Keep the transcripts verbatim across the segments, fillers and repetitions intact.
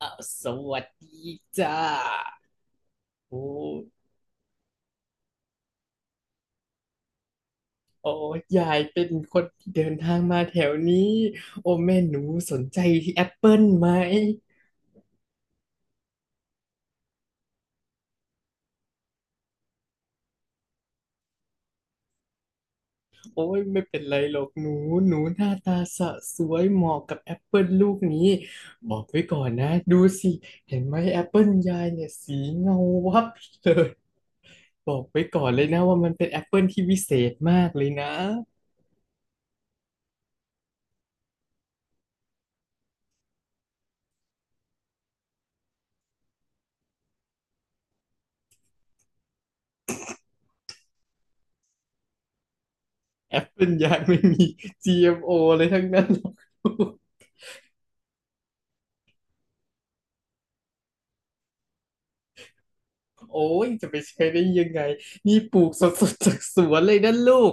อ่ะสวัสดีจ้า โอ้โอ้ยายเป็นคนที่เดินทางมาแถวนี้โอ้แม่หนูสนใจที่แอปเปิลไหมโอ้ยไม่เป็นไรหรอกหนู หนูหน้าตาสะสวยเหมาะกับแอปเปิลลูกนี้ บอกไว้ก่อนนะดูสิ เห็นไหมแอปเปิลยายเนี่ยสีเงาวับเลย บอกไว้ก่อนเลยนะว่ามันเป็นแอปเปิลที่วิเศษมากเลยนะแอปเปิลยายไม่มี จี เอ็ม โอ เอ็มโอเลยทั้งนั้นหรอก โอ้ยจะไปใช้ได้ยังไงนี่ปลูกสดๆจากสวนเลยนะลูก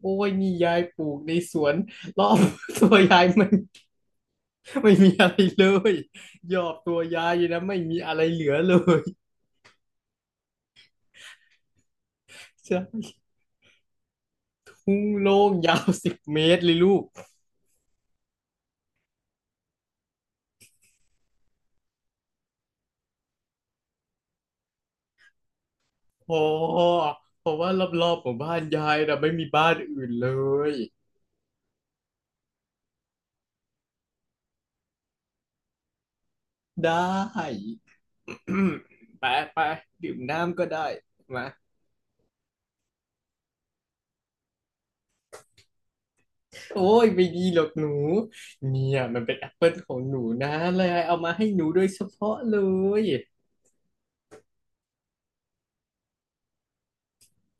โอ้ยนี่ยายปลูกในสวนรอบตัวยายมัน ไม่มีอะไรเลยยอดตัวยายอยู่นะไม่มีอะไรเหลือเลย ใช่ทุ่งโล่งยาวสิบเมตรเลยลูกพอเพราะว่ารอบๆของบ้านยายนะไม่มีบ้านอื่นเลยได้ ไปไปดื่มน้ำก็ได้มา โอ้ยไม่ดีหรอกหนู เนี่ยมันเป็นแอปเปิลของหนูนะเลยเอามาให้หนูโดยเฉพาะเลย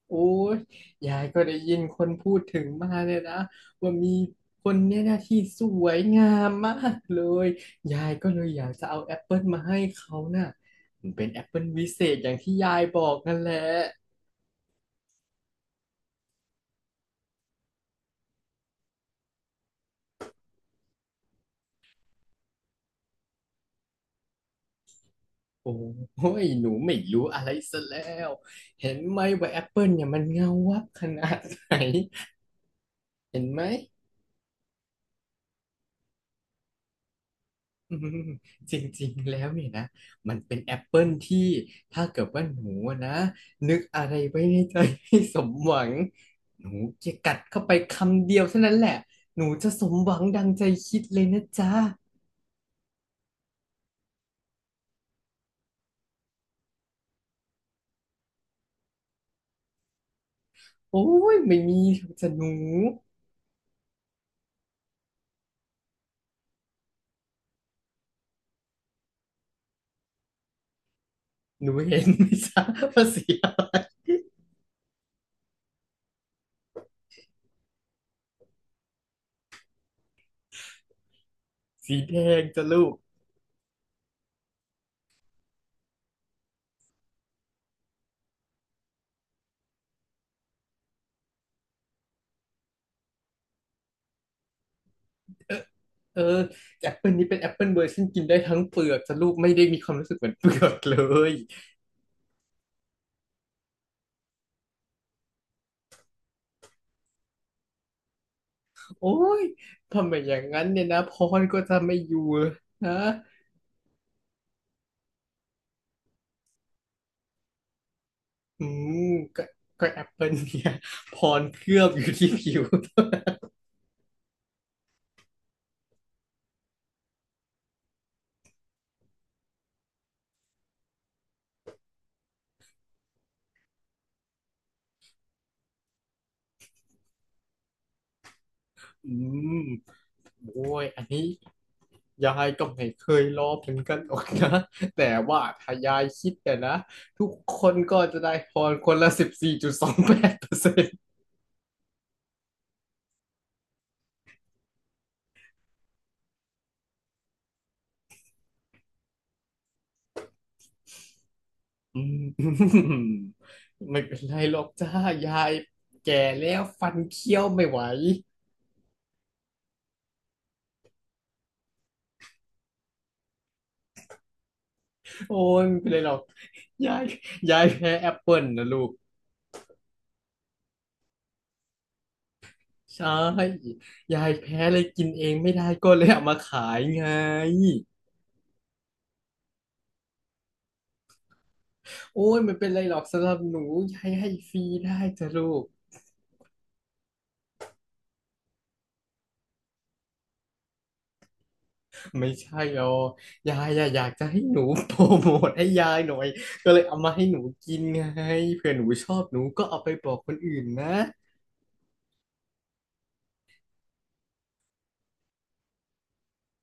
โอ้ยยายก็ได้ยินคนพูดถึงมาเลยนะว่ามีคนเนี่ยนะที่สวยงามมากเลย ยายก็เลยอยากจะเอาแอปเปิลมาให้เขาน่ะมันเป็นแอปเปิลวิเศษอย่างที่ยายบอกนั่นแหละโอ้ยหนูไม่รู้อะไรซะแล้ว เห็นไหมว่าแอปเปิลเนี่ยมันเงาวับขนาดไหนเห็นไหม อืมจริงๆแล้วเนี่ยนะ มันเป็นแอปเปิลที่ถ้าเกิดว่าหนูอะนะนึกอะไรไว้ในใจให้สมหวังหนูจะกัดเข้าไปคำเดียวเท่านั้นแหละหนูจะสมหวังดังใจคิดเลยนะจ๊ะโอ้ยไม่มีจะหนูหนูเห็นไหมจ๊ะ ว่าสีอะไรสีแดงจ้ะลูกเออเออแอปเปิลนี้เป็นแอปเปิลเวอร์ชันกินได้ทั้งเปลือกจ้ะลูกไม่ได้มีความรู้สึกเหมือนเปลือกเลย โอ้ยทำไมอย่างนั้นเนี่ยนะพรก็จะไม่อยู่นะอืมก็ก็แอปเปิลเนี่ย พรเคลือบอยู่ที่ผิว อืมโอ้ยอันนี้ยายก็ไม่เคยรอเหมือนกันหรอกนะ แต่ว่าถ้ายายคิดเนี่ยนะทุกคนก็จะได้พรคนละสิบสี่จุดสองแปดเปอร์เซ็นต์ อืม ไม่เป็นไรหรอกจ้า ยายแก่แล้วฟันเคี้ยวไม่ไหว โอ้ยไม่เป็นไรหรอก ยายยายแพ้แอปเปิลนะลูกใช่ยายแพ้เลยกินเองไม่ได้ก็เลยเอามาขายไงโอ้ยไม่เป็นไรหรอกสำหรับหนูยายให้ฟรีได้จ้ะลูกไม่ใช่หรอกยายอะอยากจะให้หนูโปรโมทให้ยายหน่อยก็เลยเอามาให้หนูกินไงเผื่อหนูชอบหนูก็เอาไปบอกคนอื่นนะ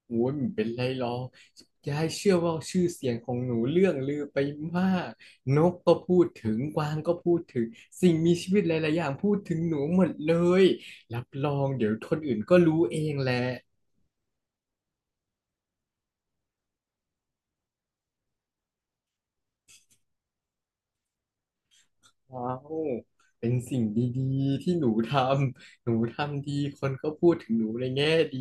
โอ้ยมันเป็นไรหรอกยายเชื่อว่าชื่อเสียงของหนูเรื่องลือไปมากนกก็พูดถึงกวางก็พูดถึงสิ่งมีชีวิตหลายๆอย่างพูดถึงหนูหมดเลยรับรองเดี๋ยวคนอื่นก็รู้เองแหละว้าวเป็นสิ่งดีๆที่หนูทำหนูทำดีคนก็พูดถึงหนูในแง่ดี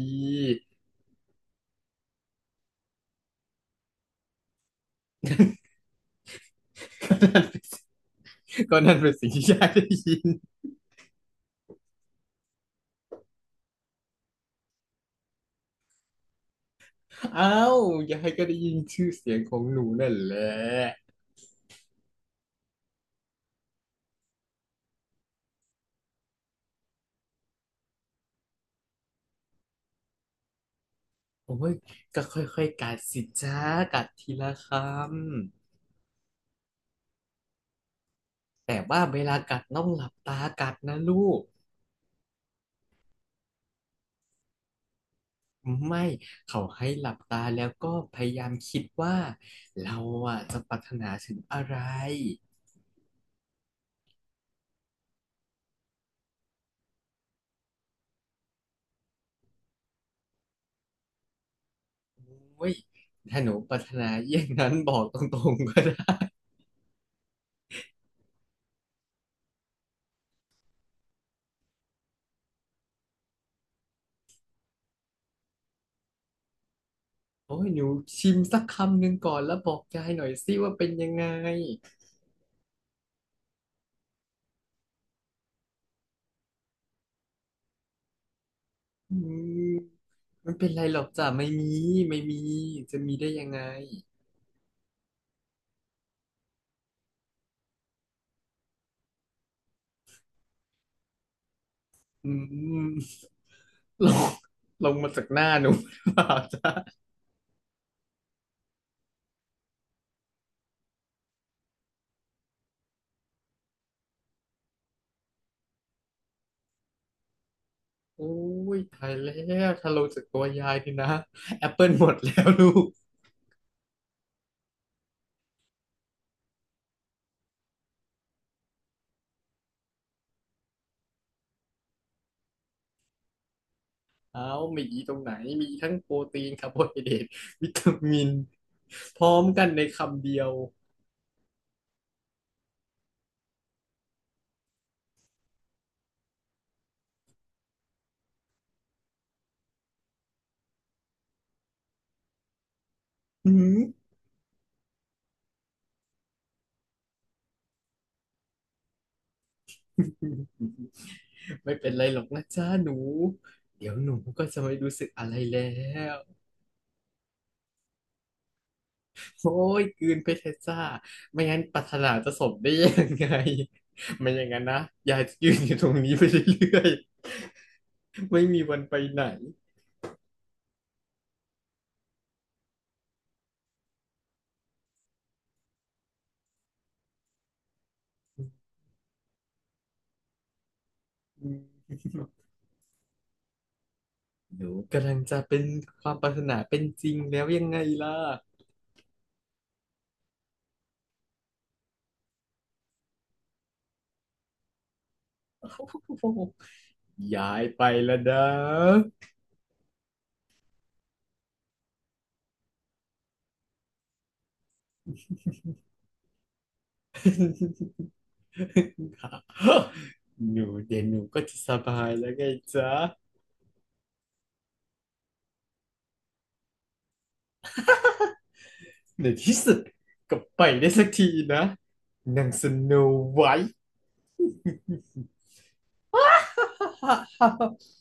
ก็นั่นเป็นสิ่งที่ยายได้ยินอ้าวยายก็ได้ยินชื่อเสียงของหนูนั่นแหละ โอ้ยก็ค่อยๆกัดสิจ้ากัดทีละคำแต่ว่าเวลากัดต้องหลับตากัดนะลูกไม่เขาให้หลับตาแล้วก็พยายามคิดว่าเราอ่ะจะปรารถนาถึงอะไรโอ้ยถ้าหนูปรารถนาอย่างนั้นบอกตรงๆก็ได้โอ้ยหนูชิมสักคำหนึ่งก่อนแล้วบอกยายหน่อยสิว่าเป็นยังไงอืมมันเป็นไรหรอกจ้ะไม่มีไม่มีจะมีได้ยังไง อืม ลงลงมาจากหน้าหนูหรือเปล่าจ๊ะโอ้ยตายแล้วถ้าลงจากตัวยายนี่นะแอปเปิลหมดแล้วลูกเอ้ามีอีตรงไหนมีทั้งโปรตีนคาร์โบไฮเดรตวิตามินพร้อมกันในคำเดียว หืมไม่เป็นไรหรอกนะจ๊ะหนูเดี๋ยวหนูก็จะไม่รู้สึกอะไรแล้ว โอ้ยกลืนไปชรเพชรจ้าไม่งั้นปรารถนาจะสมได้ยังไง ไม่อย่างนั้นนะยายจะยืนอยู่ตรงนี้ไปเรื่อยๆ ไม่มีวันไปไหน หนูกำลังจะเป็นความปรารถนาเป็นจริงแล้วยังไงล่ะ ย้ายไปแล้วนะ หนูเดี๋ยวหนูก็จะสบายแล้วไงจ๊ะ ในที่สุดก็ไปได้สักทีนะนางสโนไวท์